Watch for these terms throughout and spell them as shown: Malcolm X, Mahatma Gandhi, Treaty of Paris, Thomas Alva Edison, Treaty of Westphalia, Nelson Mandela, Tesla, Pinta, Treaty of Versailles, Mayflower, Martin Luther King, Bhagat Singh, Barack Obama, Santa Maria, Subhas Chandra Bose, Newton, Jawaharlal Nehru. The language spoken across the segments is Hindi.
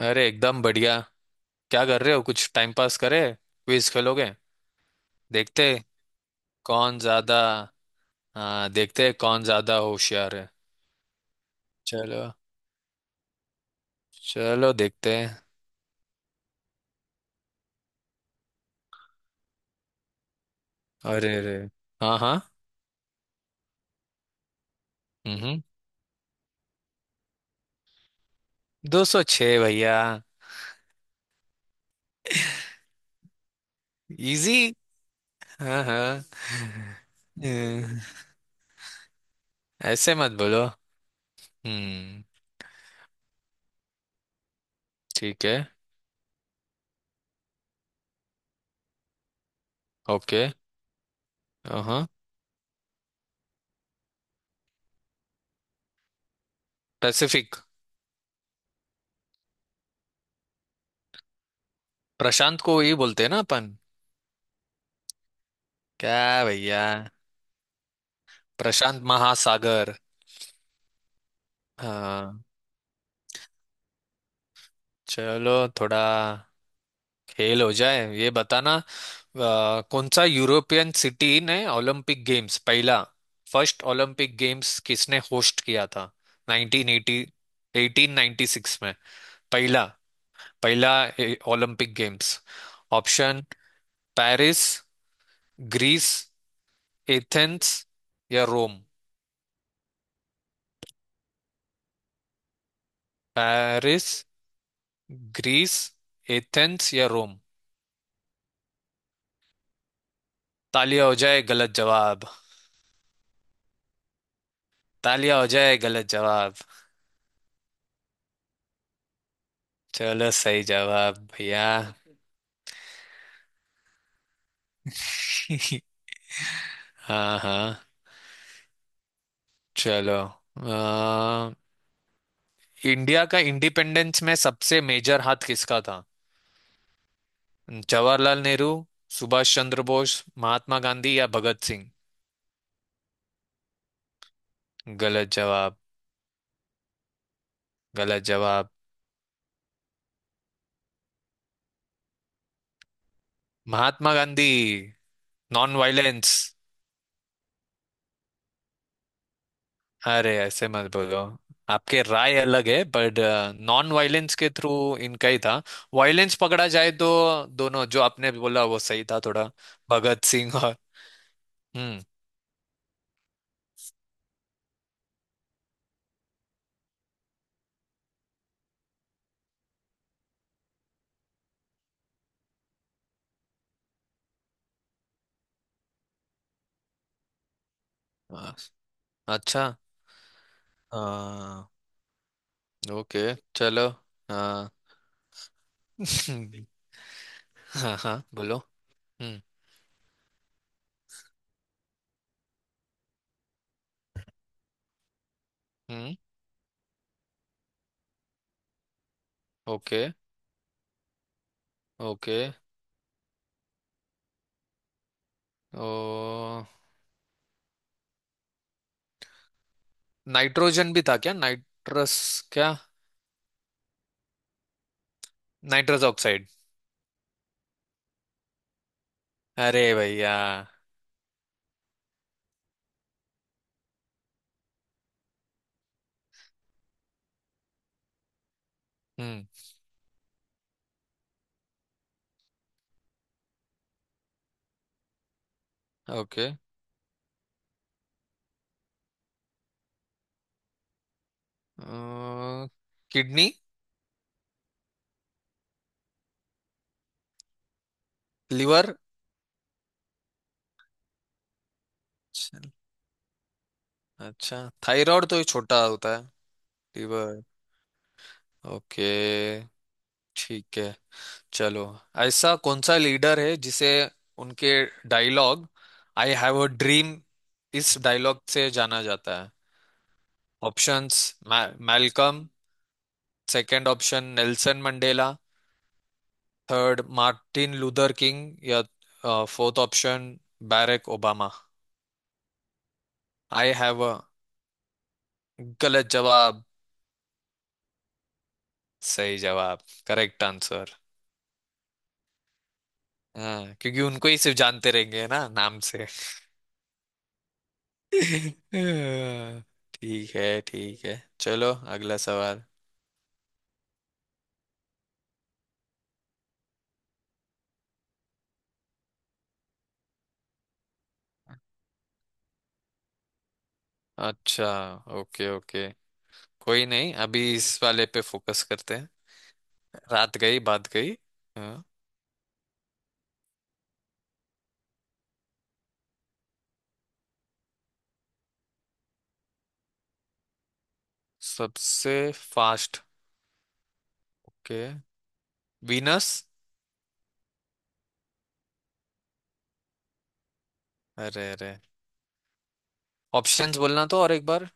अरे एकदम बढ़िया। क्या कर रहे हो, कुछ टाइम पास करे, क्विज खेलोगे। देखते हैं कौन ज्यादा। हाँ, देखते हैं कौन ज्यादा होशियार है। चलो। चलो देखते हैं। अरे अरे। हाँ हाँ। हम्म हम्म। 206 भैया। इजी। हाँ हाँ। हम्म, ऐसे मत बोलो। हम्म। ठीक है। ओके। हाँ। पैसिफिक। प्रशांत को ये बोलते हैं ना अपन। क्या भैया। प्रशांत महासागर। हाँ। चलो। थोड़ा खेल हो जाए, ये बताना। कौन सा यूरोपियन सिटी ने ओलंपिक गेम्स पहला। फर्स्ट ओलंपिक गेम्स किसने होस्ट किया था। 1980 1896 में। पहला पहला Olympic games. Option Paris, Greece, Athens या रोम। पेरिस, ग्रीस, एथेंस या रोम। तालिया हो जाए गलत जवाब। तालिया हो जाए गलत जवाब। चलो सही जवाब भैया। हाँ हाँ। चलो। अ, इंडिया का इंडिपेंडेंस में सबसे मेजर हाथ किसका था। जवाहरलाल नेहरू, सुभाष चंद्र बोस, महात्मा गांधी या भगत सिंह। गलत जवाब। गलत जवाब। महात्मा गांधी। Non violence. अरे ऐसे मत बोलो। आपके राय अलग है, बट नॉन वायलेंस के थ्रू इनका ही था। वायलेंस पकड़ा जाए तो दोनों जो आपने बोला वो सही था थोड़ा। भगत सिंह। हम्म। आ, अच्छा। आ, ओके चलो। हाँ। हाँ हाँ बोलो। हम्म हम्म। Okay okay. ओ। नाइट्रोजन भी था क्या, नाइट्रस। क्या। Nitrous oxide. अरे भैया। हम्म। ओके। अ, किडनी। लिवर। अच्छा। थायराइड तो ये छोटा होता है। लिवर। ओके। ठीक है। चलो। ऐसा कौन सा लीडर है जिसे उनके dialogue I have a dream, इस डायलॉग से जाना जाता है। Options. Malcolm. Second option Nelson Mandela. Third Martin Luther King या fourth option Barack Obama. I have a. गलत जवाब। सही जवाब, करेक्ट आंसर। हाँ, क्योंकि उनको ही सिर्फ जानते रहेंगे ना नाम से। हाँ, ठीक है चलो। अगला सवाल। अच्छा। Okay okay. कोई नहीं, अभी इस वाले पे फोकस करते हैं। रात गई बात गई। हाँ। सबसे फास्ट के वीनस। अरे अरे। ऑप्शंस बोलना तो और एक बार।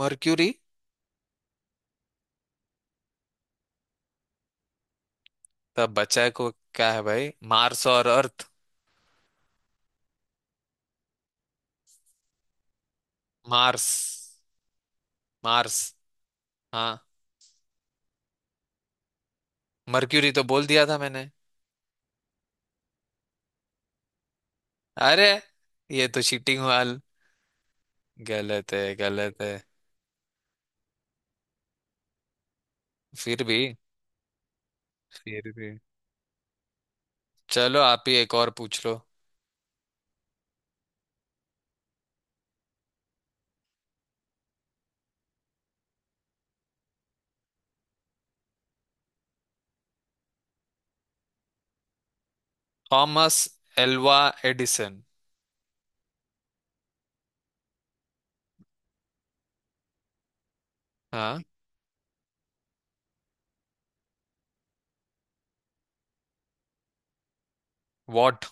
मर्क्यूरी। तब बचा है को क्या है भाई, मार्स और अर्थ। मार्स। मार्स। हाँ। मर्क्यूरी तो बोल दिया था मैंने। अरे। ये तो चीटिंग वाल गलत है गलत है। फिर भी। फिर भी। चलो, आप ही एक और पूछ लो। Thomas Alva Edison. हाँ। वॉट।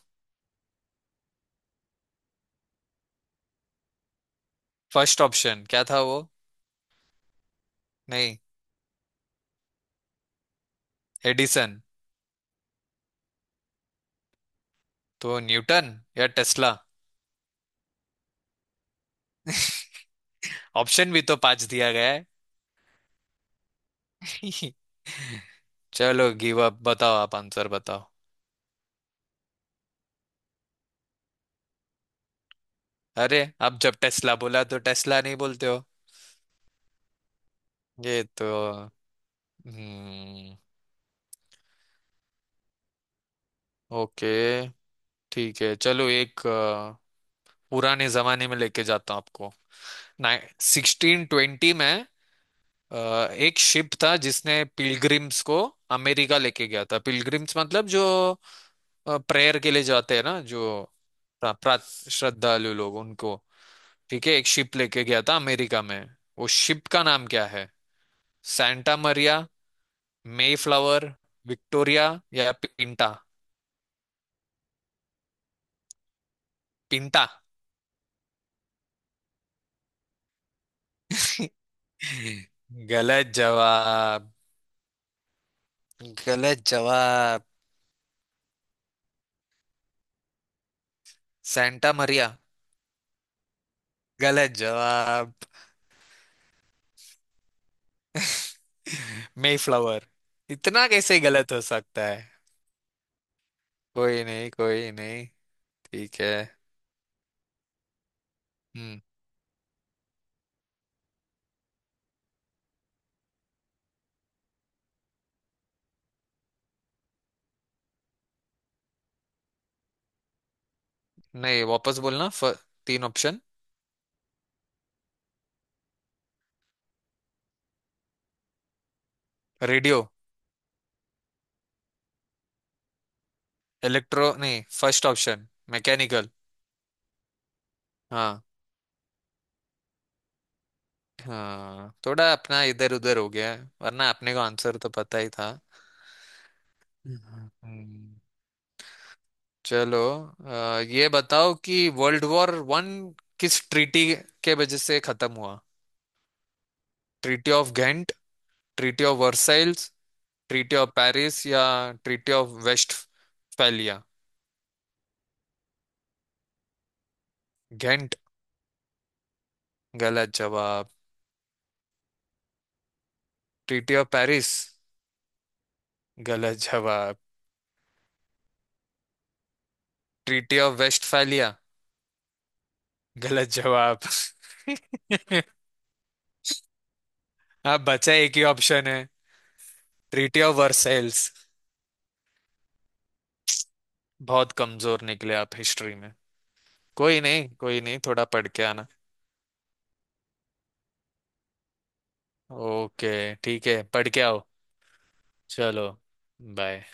फर्स्ट ऑप्शन क्या था वो। नहीं। एडिसन। तो न्यूटन या टेस्ला। ऑप्शन भी तो पांच दिया गया है। चलो गिव अप, बताओ आप आंसर बताओ। अरे, अब जब टेस्ला बोला तो टेस्ला नहीं बोलते हो। ये तो। हम्म। ओके। ठीक है चलो एक पुराने जमाने में लेके जाता हूँ आपको। 1620 में अ, एक शिप था जिसने पिलग्रिम्स को अमेरिका लेके गया था। पिलग्रिम्स मतलब जो प्रेयर के लिए जाते हैं ना, जो प्रा, प्रा- श्रद्धालु लोग उनको। ठीक है, एक शिप लेके गया था अमेरिका में, वो शिप का नाम क्या है। Santa Maria, Mayflower, Victoria या पिंटा। पिंटा। गलत जवाब। गलत जवाब। सैंटा मरिया। गलत जवाब। मेफ्लावर, इतना कैसे गलत हो सकता है। कोई नहीं कोई नहीं। ठीक है। हम्म। नहीं, वापस बोलना तीन ऑप्शन। रेडियो। इलेक्ट्रो नहीं फर्स्ट ऑप्शन। मैकेनिकल। हाँ। हाँ, थोड़ा अपना इधर उधर हो गया है, वरना अपने को आंसर तो पता ही था। हम्म, चलो। ये बताओ कि वर्ल्ड वॉर वन किस ट्रीटी के वजह से खत्म हुआ। Treaty of Ghent, treaty of Versailles, treaty of Paris या ट्रीटी ऑफ वेस्टफैलिया। घेंट। गलत जवाब। Treaty of Paris. गलत जवाब। Treaty of Westphalia. गलत जवाब। आप बचा एक ही ऑप्शन है। Treaty of Versailles. बहुत कमजोर निकले आप हिस्ट्री में। कोई नहीं थोड़ा पढ़ के आना। ओके ठीक है पढ़ के आओ। चलो बाय।